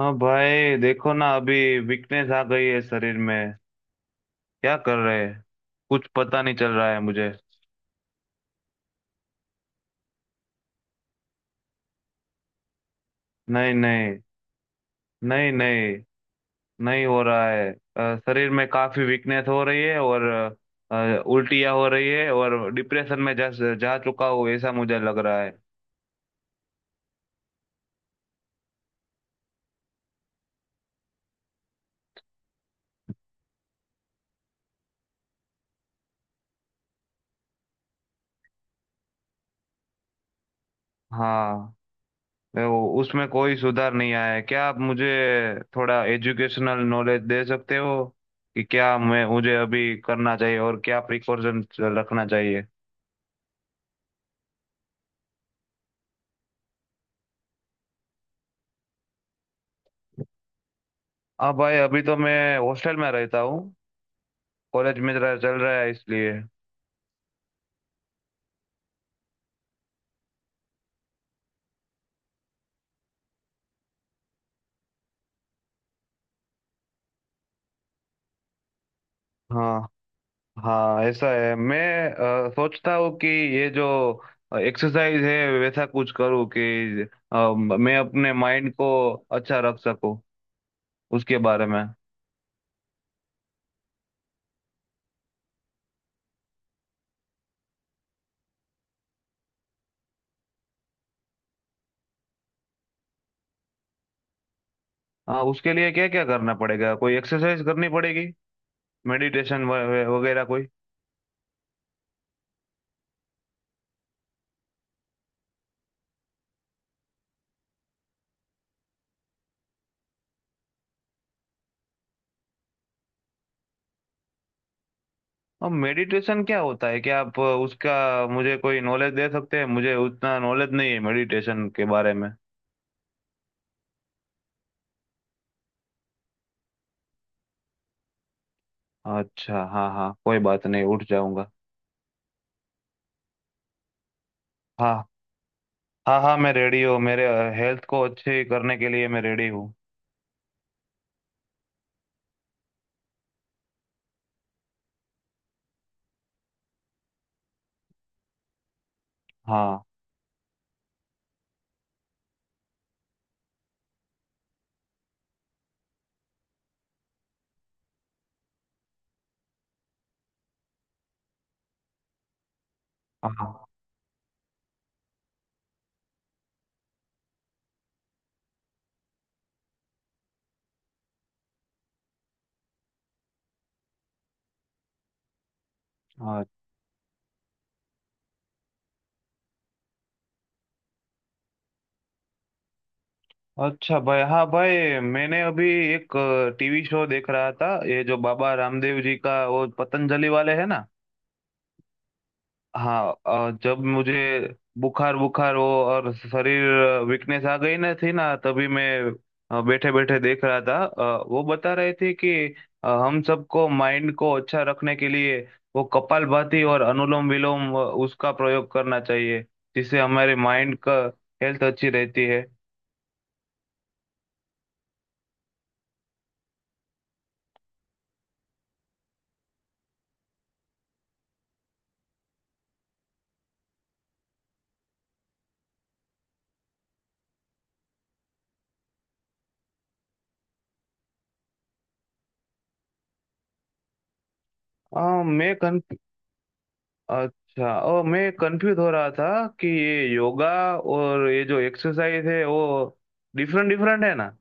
हाँ भाई, देखो ना, अभी वीकनेस आ गई है शरीर में। क्या कर रहे हैं, कुछ पता नहीं चल रहा है मुझे। नहीं नहीं। नहीं नहीं। नहीं हो रहा है। शरीर में काफी वीकनेस हो रही है, और उल्टियाँ हो रही है, और डिप्रेशन में जा जा चुका हूँ, ऐसा मुझे लग रहा है। हाँ, उसमें कोई सुधार नहीं आया है। क्या आप मुझे थोड़ा एजुकेशनल नॉलेज दे सकते हो कि क्या मैं मुझे अभी करना चाहिए और क्या प्रिकॉशन रखना चाहिए? हाँ भाई, अभी तो मैं हॉस्टल में रहता हूँ, कॉलेज में जरा चल रहा है इसलिए। हाँ हाँ, ऐसा है। मैं सोचता हूँ कि ये जो एक्सरसाइज है वैसा कुछ करूँ कि मैं अपने माइंड को अच्छा रख सकूँ उसके बारे में। हाँ, उसके लिए क्या क्या करना पड़ेगा? कोई एक्सरसाइज करनी पड़ेगी, मेडिटेशन वगैरह कोई? अब मेडिटेशन क्या होता है? क्या आप उसका मुझे कोई नॉलेज दे सकते हैं? मुझे उतना नॉलेज नहीं है मेडिटेशन के बारे में। अच्छा हाँ हाँ, कोई बात नहीं, उठ जाऊंगा। हाँ हाँ हाँ, मैं रेडी हूँ। मेरे हेल्थ को अच्छे करने के लिए मैं रेडी हूँ। हाँ। हाँ। हाँ। अच्छा भाई। हाँ भाई, मैंने अभी एक टीवी शो देख रहा था, ये जो बाबा रामदेव जी का वो पतंजलि वाले है ना। हाँ। जब मुझे बुखार बुखार हो और शरीर वीकनेस आ गई ना थी ना, तभी मैं बैठे बैठे देख रहा था। वो बता रहे थे कि हम सबको माइंड को अच्छा रखने के लिए वो कपालभाति और अनुलोम विलोम उसका प्रयोग करना चाहिए, जिससे हमारे माइंड का हेल्थ अच्छी रहती है। अ, मैं कन अच्छा, ओ, मैं कंफ्यूज हो रहा था कि ये योगा और ये जो एक्सरसाइज है वो डिफरेंट डिफरेंट है ना?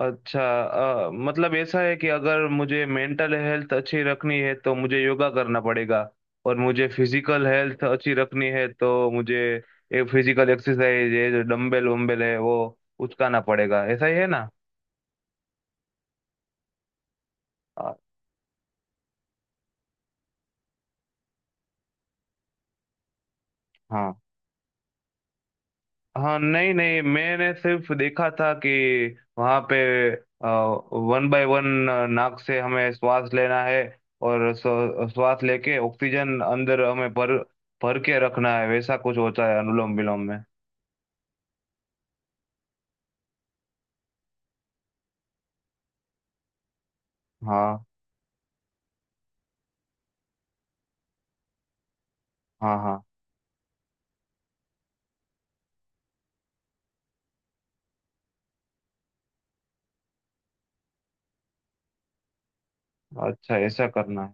अच्छा। मतलब ऐसा है कि अगर मुझे मेंटल हेल्थ अच्छी रखनी है तो मुझे योगा करना पड़ेगा, और मुझे फिजिकल हेल्थ अच्छी रखनी है तो मुझे ये फिजिकल एक्सरसाइज, ये जो डम्बल वम्बल है, वो उचकाना पड़ेगा। ऐसा ही है ना? अ, हाँ हाँ। नहीं नहीं, मैंने सिर्फ देखा था कि वहाँ पे वन बाय वन नाक से हमें श्वास लेना है, और श्वास लेके ऑक्सीजन अंदर हमें भर भर के रखना है, वैसा कुछ होता है अनुलोम विलोम में। हाँ हाँ। हाँ, अच्छा ऐसा करना है।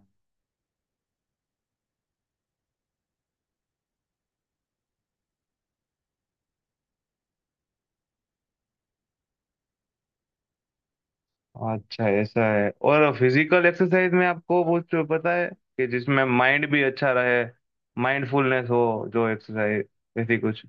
अच्छा ऐसा है। और फिजिकल एक्सरसाइज में आपको कुछ पता है कि जिसमें माइंड भी अच्छा रहे, माइंडफुलनेस हो, जो एक्सरसाइज, ऐसी कुछ?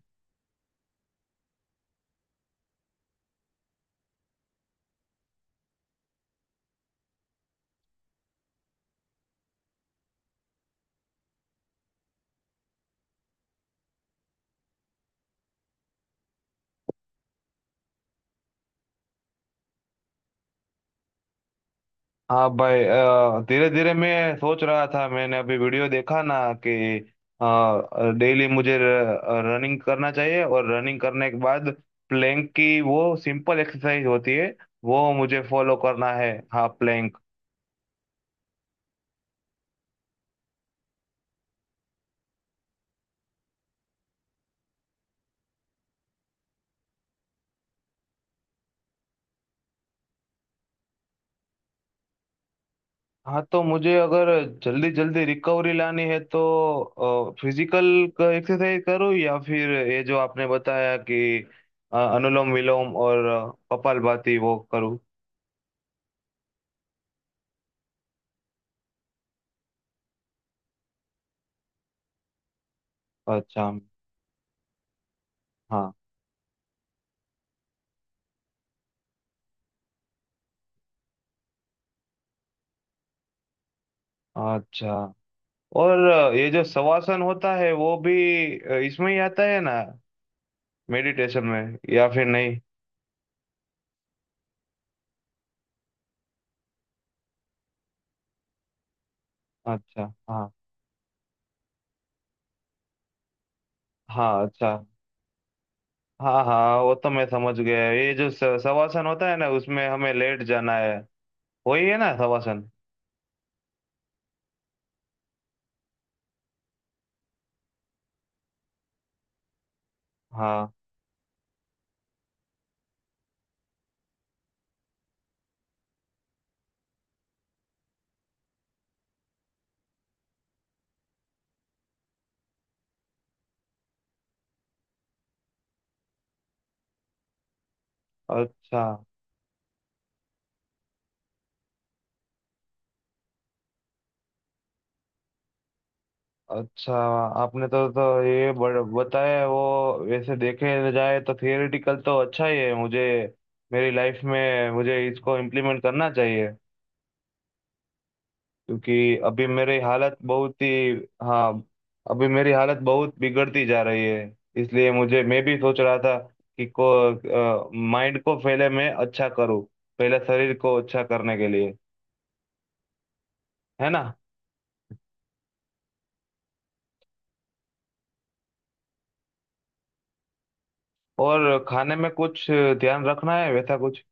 हाँ भाई, धीरे धीरे मैं सोच रहा था। मैंने अभी वीडियो देखा ना, कि डेली मुझे रनिंग करना चाहिए, और रनिंग करने के बाद प्लैंक की वो सिंपल एक्सरसाइज होती है, वो मुझे फॉलो करना है। हाँ, प्लैंक। हाँ, तो मुझे अगर जल्दी जल्दी रिकवरी लानी है तो फिजिकल एक्सरसाइज करूँ, या फिर ये जो आपने बताया कि अनुलोम विलोम और कपालभाति वो करूँ? अच्छा। हाँ। अच्छा। और ये जो शवासन होता है वो भी इसमें ही आता है ना, मेडिटेशन में, या फिर नहीं? अच्छा। हाँ हाँ। अच्छा। हाँ हाँ, वो तो मैं समझ गया। ये जो शवासन होता है ना, उसमें हमें लेट जाना है, वही है ना शवासन? हाँ। अच्छा। अच्छा। आपने तो ये बताया, वो वैसे देखे जाए तो थियोरेटिकल तो अच्छा ही है। मुझे मेरी लाइफ में मुझे इसको इम्प्लीमेंट करना चाहिए, क्योंकि अभी मेरी हालत बहुत ही। हाँ। अभी मेरी हालत बहुत बिगड़ती जा रही है, इसलिए मुझे, मैं भी सोच रहा था कि को माइंड को पहले मैं अच्छा करूँ, पहले शरीर को अच्छा करने के लिए, है ना? और खाने में कुछ ध्यान रखना है, वैसा कुछ?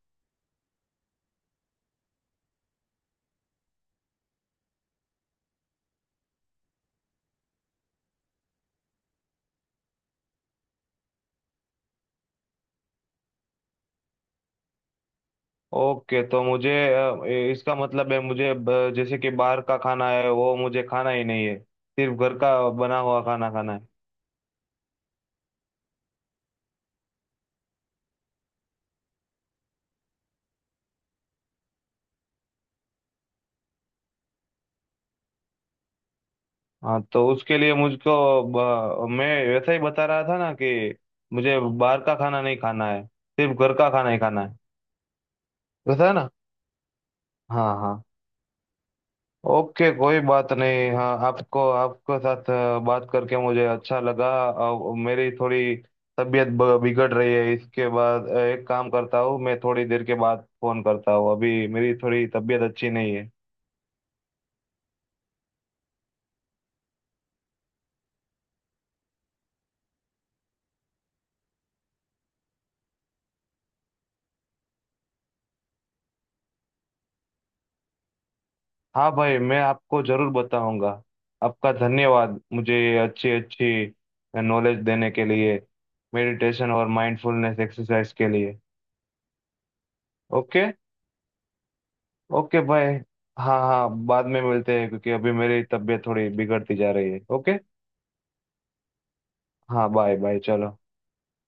ओके, तो मुझे इसका मतलब है मुझे जैसे कि बाहर का खाना है वो मुझे खाना ही नहीं है, सिर्फ घर का बना हुआ खाना खाना है? हाँ, तो उसके लिए मुझको मैं वैसा ही बता रहा था ना कि मुझे बाहर का खाना नहीं खाना है, सिर्फ घर का खाना ही खाना है। वैसा है ना? हाँ हाँ। ओके, कोई बात नहीं। हाँ, आपको, आपके साथ बात करके मुझे अच्छा लगा। मेरी थोड़ी तबीयत बिगड़ रही है। इसके बाद एक काम करता हूँ, मैं थोड़ी देर के बाद फोन करता हूँ, अभी मेरी थोड़ी तबीयत अच्छी नहीं है। हाँ भाई, मैं आपको जरूर बताऊंगा। आपका धन्यवाद, मुझे अच्छी अच्छी नॉलेज देने के लिए, मेडिटेशन और माइंडफुलनेस एक्सरसाइज के लिए। ओके। ओके भाई। हाँ हाँ, बाद में मिलते हैं, क्योंकि अभी मेरी तबीयत थोड़ी बिगड़ती जा रही है। ओके। हाँ, बाय बाय, चलो।